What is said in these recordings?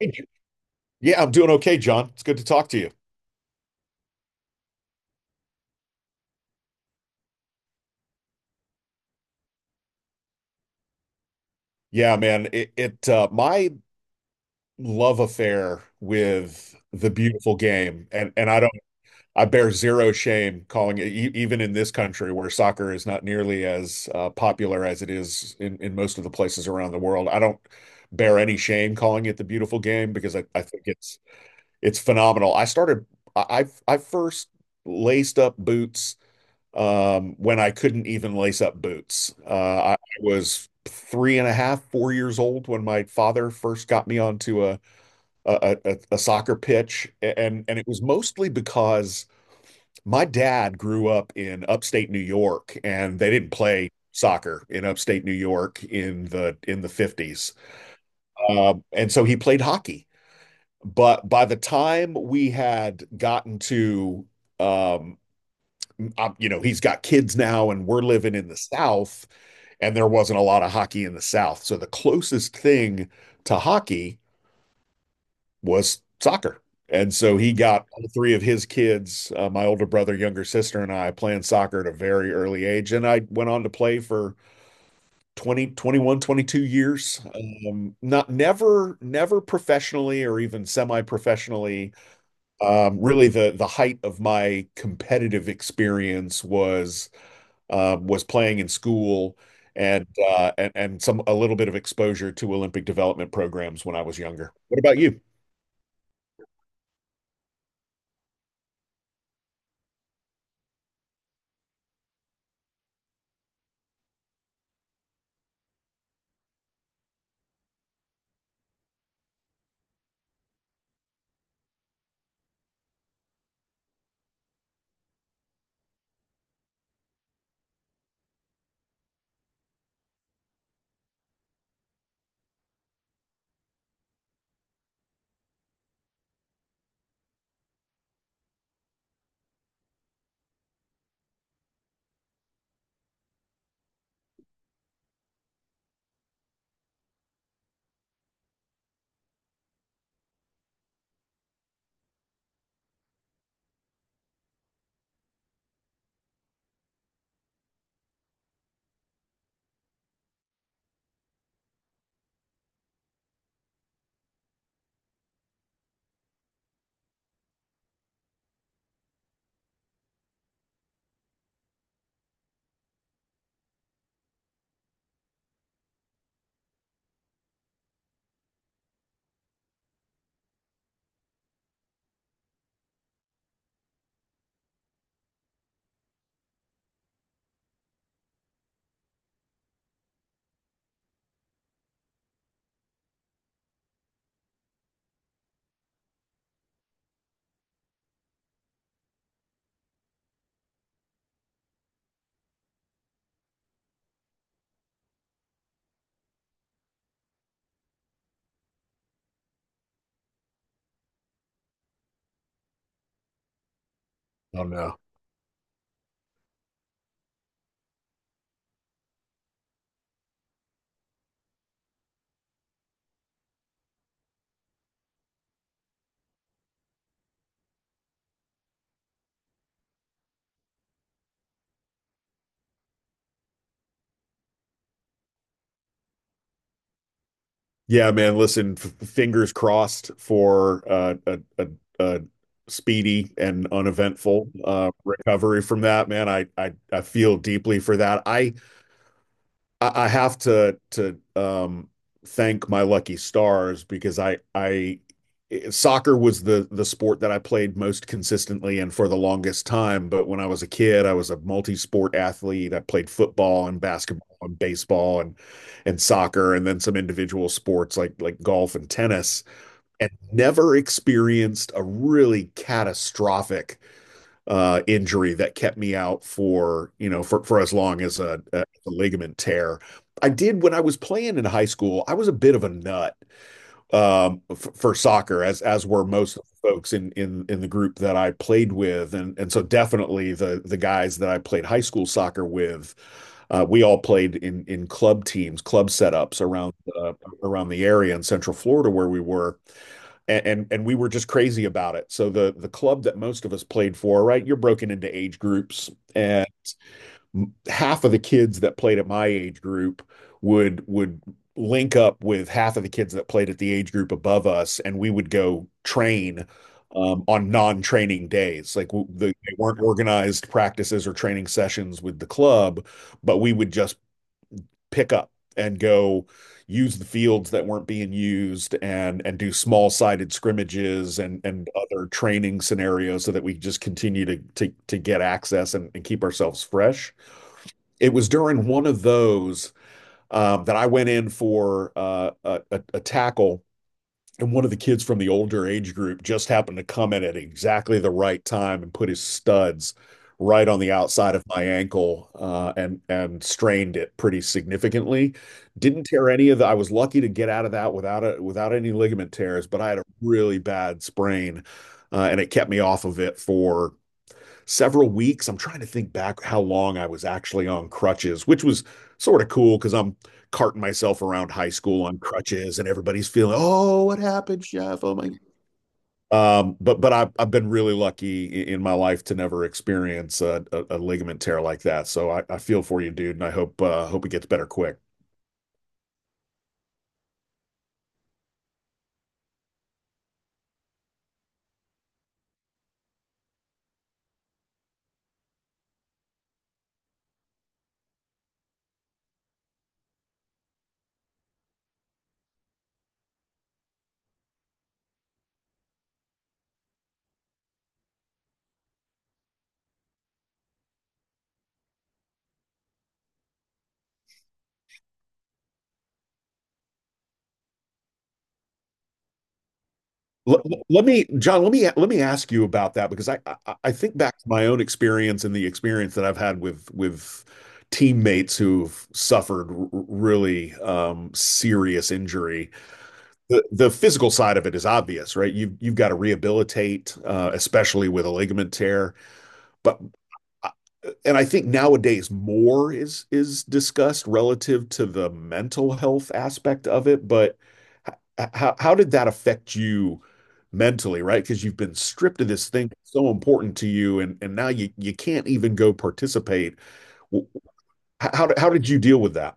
Hey, J- Yeah, I'm doing okay, John. It's good to talk to you. Yeah, man, it my love affair with the beautiful game, and I don't, I bear zero shame calling it, even in this country where soccer is not nearly as popular as it is in most of the places around the world. I don't bear any shame calling it the beautiful game because I think it's phenomenal. I first laced up boots when I couldn't even lace up boots. I was three and a half, 4 years old when my father first got me onto a soccer pitch, and it was mostly because my dad grew up in upstate New York, and they didn't play soccer in upstate New York in the 50s. And so he played hockey. But by the time we had gotten to um, he's got kids now, and we're living in the South, and there wasn't a lot of hockey in the South. So the closest thing to hockey was soccer. And so he got all three of his kids, my older brother, younger sister, and I playing soccer at a very early age. And I went on to play for 20, 21, 22 years. Not never, never professionally or even semi-professionally. Really the height of my competitive experience was playing in school and some a little bit of exposure to Olympic development programs when I was younger. What about you? Oh no. Yeah, man. Listen, fingers crossed for a speedy and uneventful recovery from that, man. I feel deeply for that. I have to thank my lucky stars because I soccer was the sport that I played most consistently and for the longest time. But when I was a kid, I was a multi-sport athlete. I played football and basketball and baseball and soccer and then some individual sports like golf and tennis and never experienced a really catastrophic injury that kept me out for for as long as a ligament tear. I did when I was playing in high school. I was a bit of a nut for soccer, as were most of the folks in the group that I played with, and so definitely the guys that I played high school soccer with. We all played in club teams, club setups around the area in Central Florida where we were, and we were just crazy about it. So the club that most of us played for, right? You're broken into age groups, and half of the kids that played at my age group would link up with half of the kids that played at the age group above us, and we would go train, on non-training days. Like they weren't organized practices or training sessions with the club, but we would just pick up and go use the fields that weren't being used and do small sided scrimmages and other training scenarios so that we just continue to get access, and keep ourselves fresh. It was during one of those, that I went in for a tackle, and one of the kids from the older age group just happened to come in at exactly the right time and put his studs right on the outside of my ankle, and strained it pretty significantly. Didn't tear any of the. I was lucky to get out of that without without any ligament tears, but I had a really bad sprain, and it kept me off of it for several weeks. I'm trying to think back how long I was actually on crutches, which was sort of cool because I'm carting myself around high school on crutches, and everybody's feeling, oh, what happened, Chef? Oh my. But I've been really lucky in my life to never experience a ligament tear like that. So I feel for you, dude, and I hope it gets better quick. Let, let me, John, let me ask you about that, because I think back to my own experience and the experience that I've had with teammates who've suffered r- really serious injury. The physical side of it is obvious, right? You've got to rehabilitate, especially with a ligament tear. But and I think nowadays more is discussed relative to the mental health aspect of it, but how did that affect you mentally, right? Because you've been stripped of this thing that's so important to you, and now you can't even go participate. How how did you deal with that?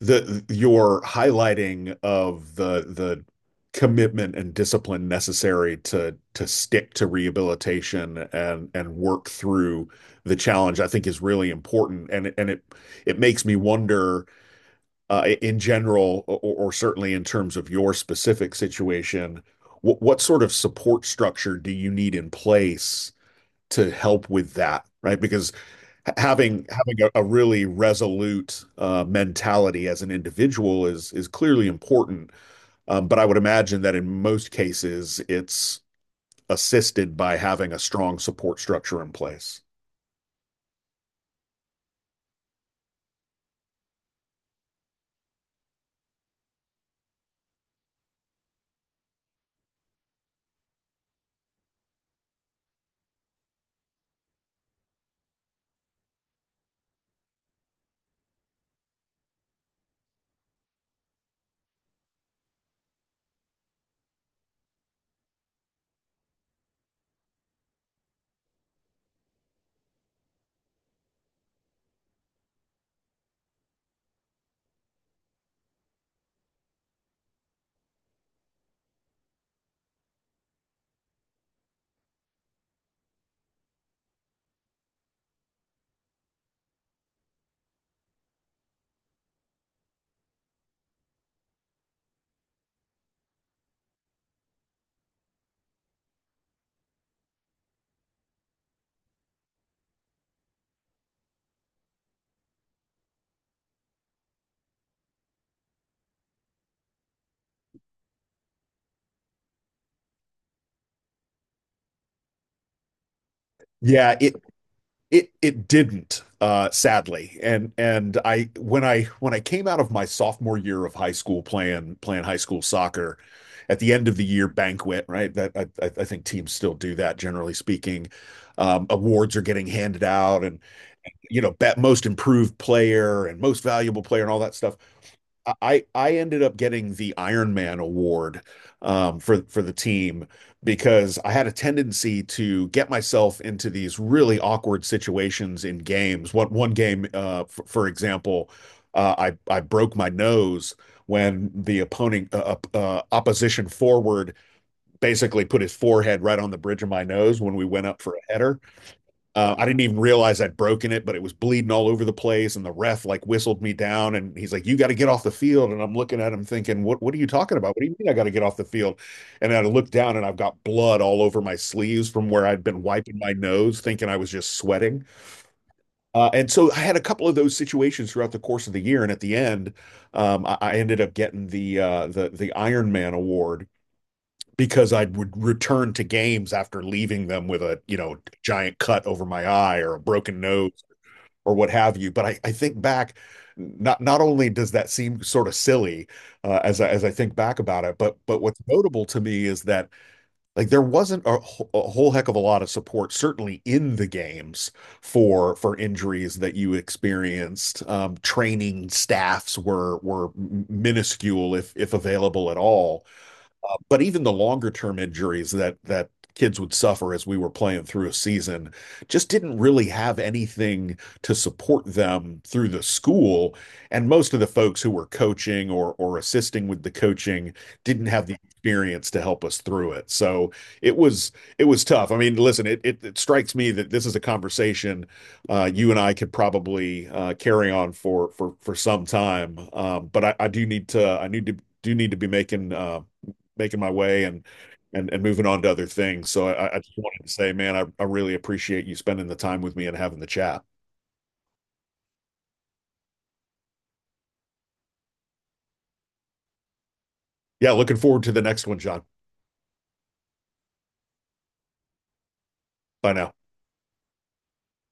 The your highlighting of the commitment and discipline necessary to stick to rehabilitation and work through the challenge, I think, is really important, and it makes me wonder, in general, or, certainly in terms of your specific situation, what sort of support structure do you need in place to help with that, right? Because having a really resolute mentality as an individual is clearly important. But I would imagine that in most cases, it's assisted by having a strong support structure in place. Yeah, it didn't, sadly. And I when I when I came out of my sophomore year of high school playing high school soccer, at the end of the year banquet, right? That I think teams still do that, generally speaking. Awards are getting handed out, and bet most improved player and most valuable player and all that stuff. I ended up getting the Iron Man award, for the team, because I had a tendency to get myself into these really awkward situations in games. One game, for example, I broke my nose when the opponent opposition forward basically put his forehead right on the bridge of my nose when we went up for a header. I didn't even realize I'd broken it, but it was bleeding all over the place. And the ref, like, whistled me down, and he's like, "You got to get off the field." And I'm looking at him thinking, What are you talking about? What do you mean I got to get off the field?" And I look down and I've got blood all over my sleeves from where I'd been wiping my nose, thinking I was just sweating. And so I had a couple of those situations throughout the course of the year. And at the end, I ended up getting the the Iron Man award because I would return to games after leaving them with a giant cut over my eye or a broken nose or what have you. But I think back, not only does that seem sort of silly, as I, think back about it, but what's notable to me is that, like, there wasn't a whole heck of a lot of support, certainly in the games for injuries that you experienced. Training staffs were minuscule, if available at all, but even the longer term injuries that kids would suffer as we were playing through a season just didn't really have anything to support them through the school, and most of the folks who were coaching or assisting with the coaching didn't have the experience to help us through it. So it was tough. I mean, listen, it strikes me that this is a conversation, you and I could probably, carry on for for some time. But I do need to, be making, making my way, and moving on to other things. So I just wanted to say, man, I really appreciate you spending the time with me and having the chat. Yeah, looking forward to the next one, John. Bye now.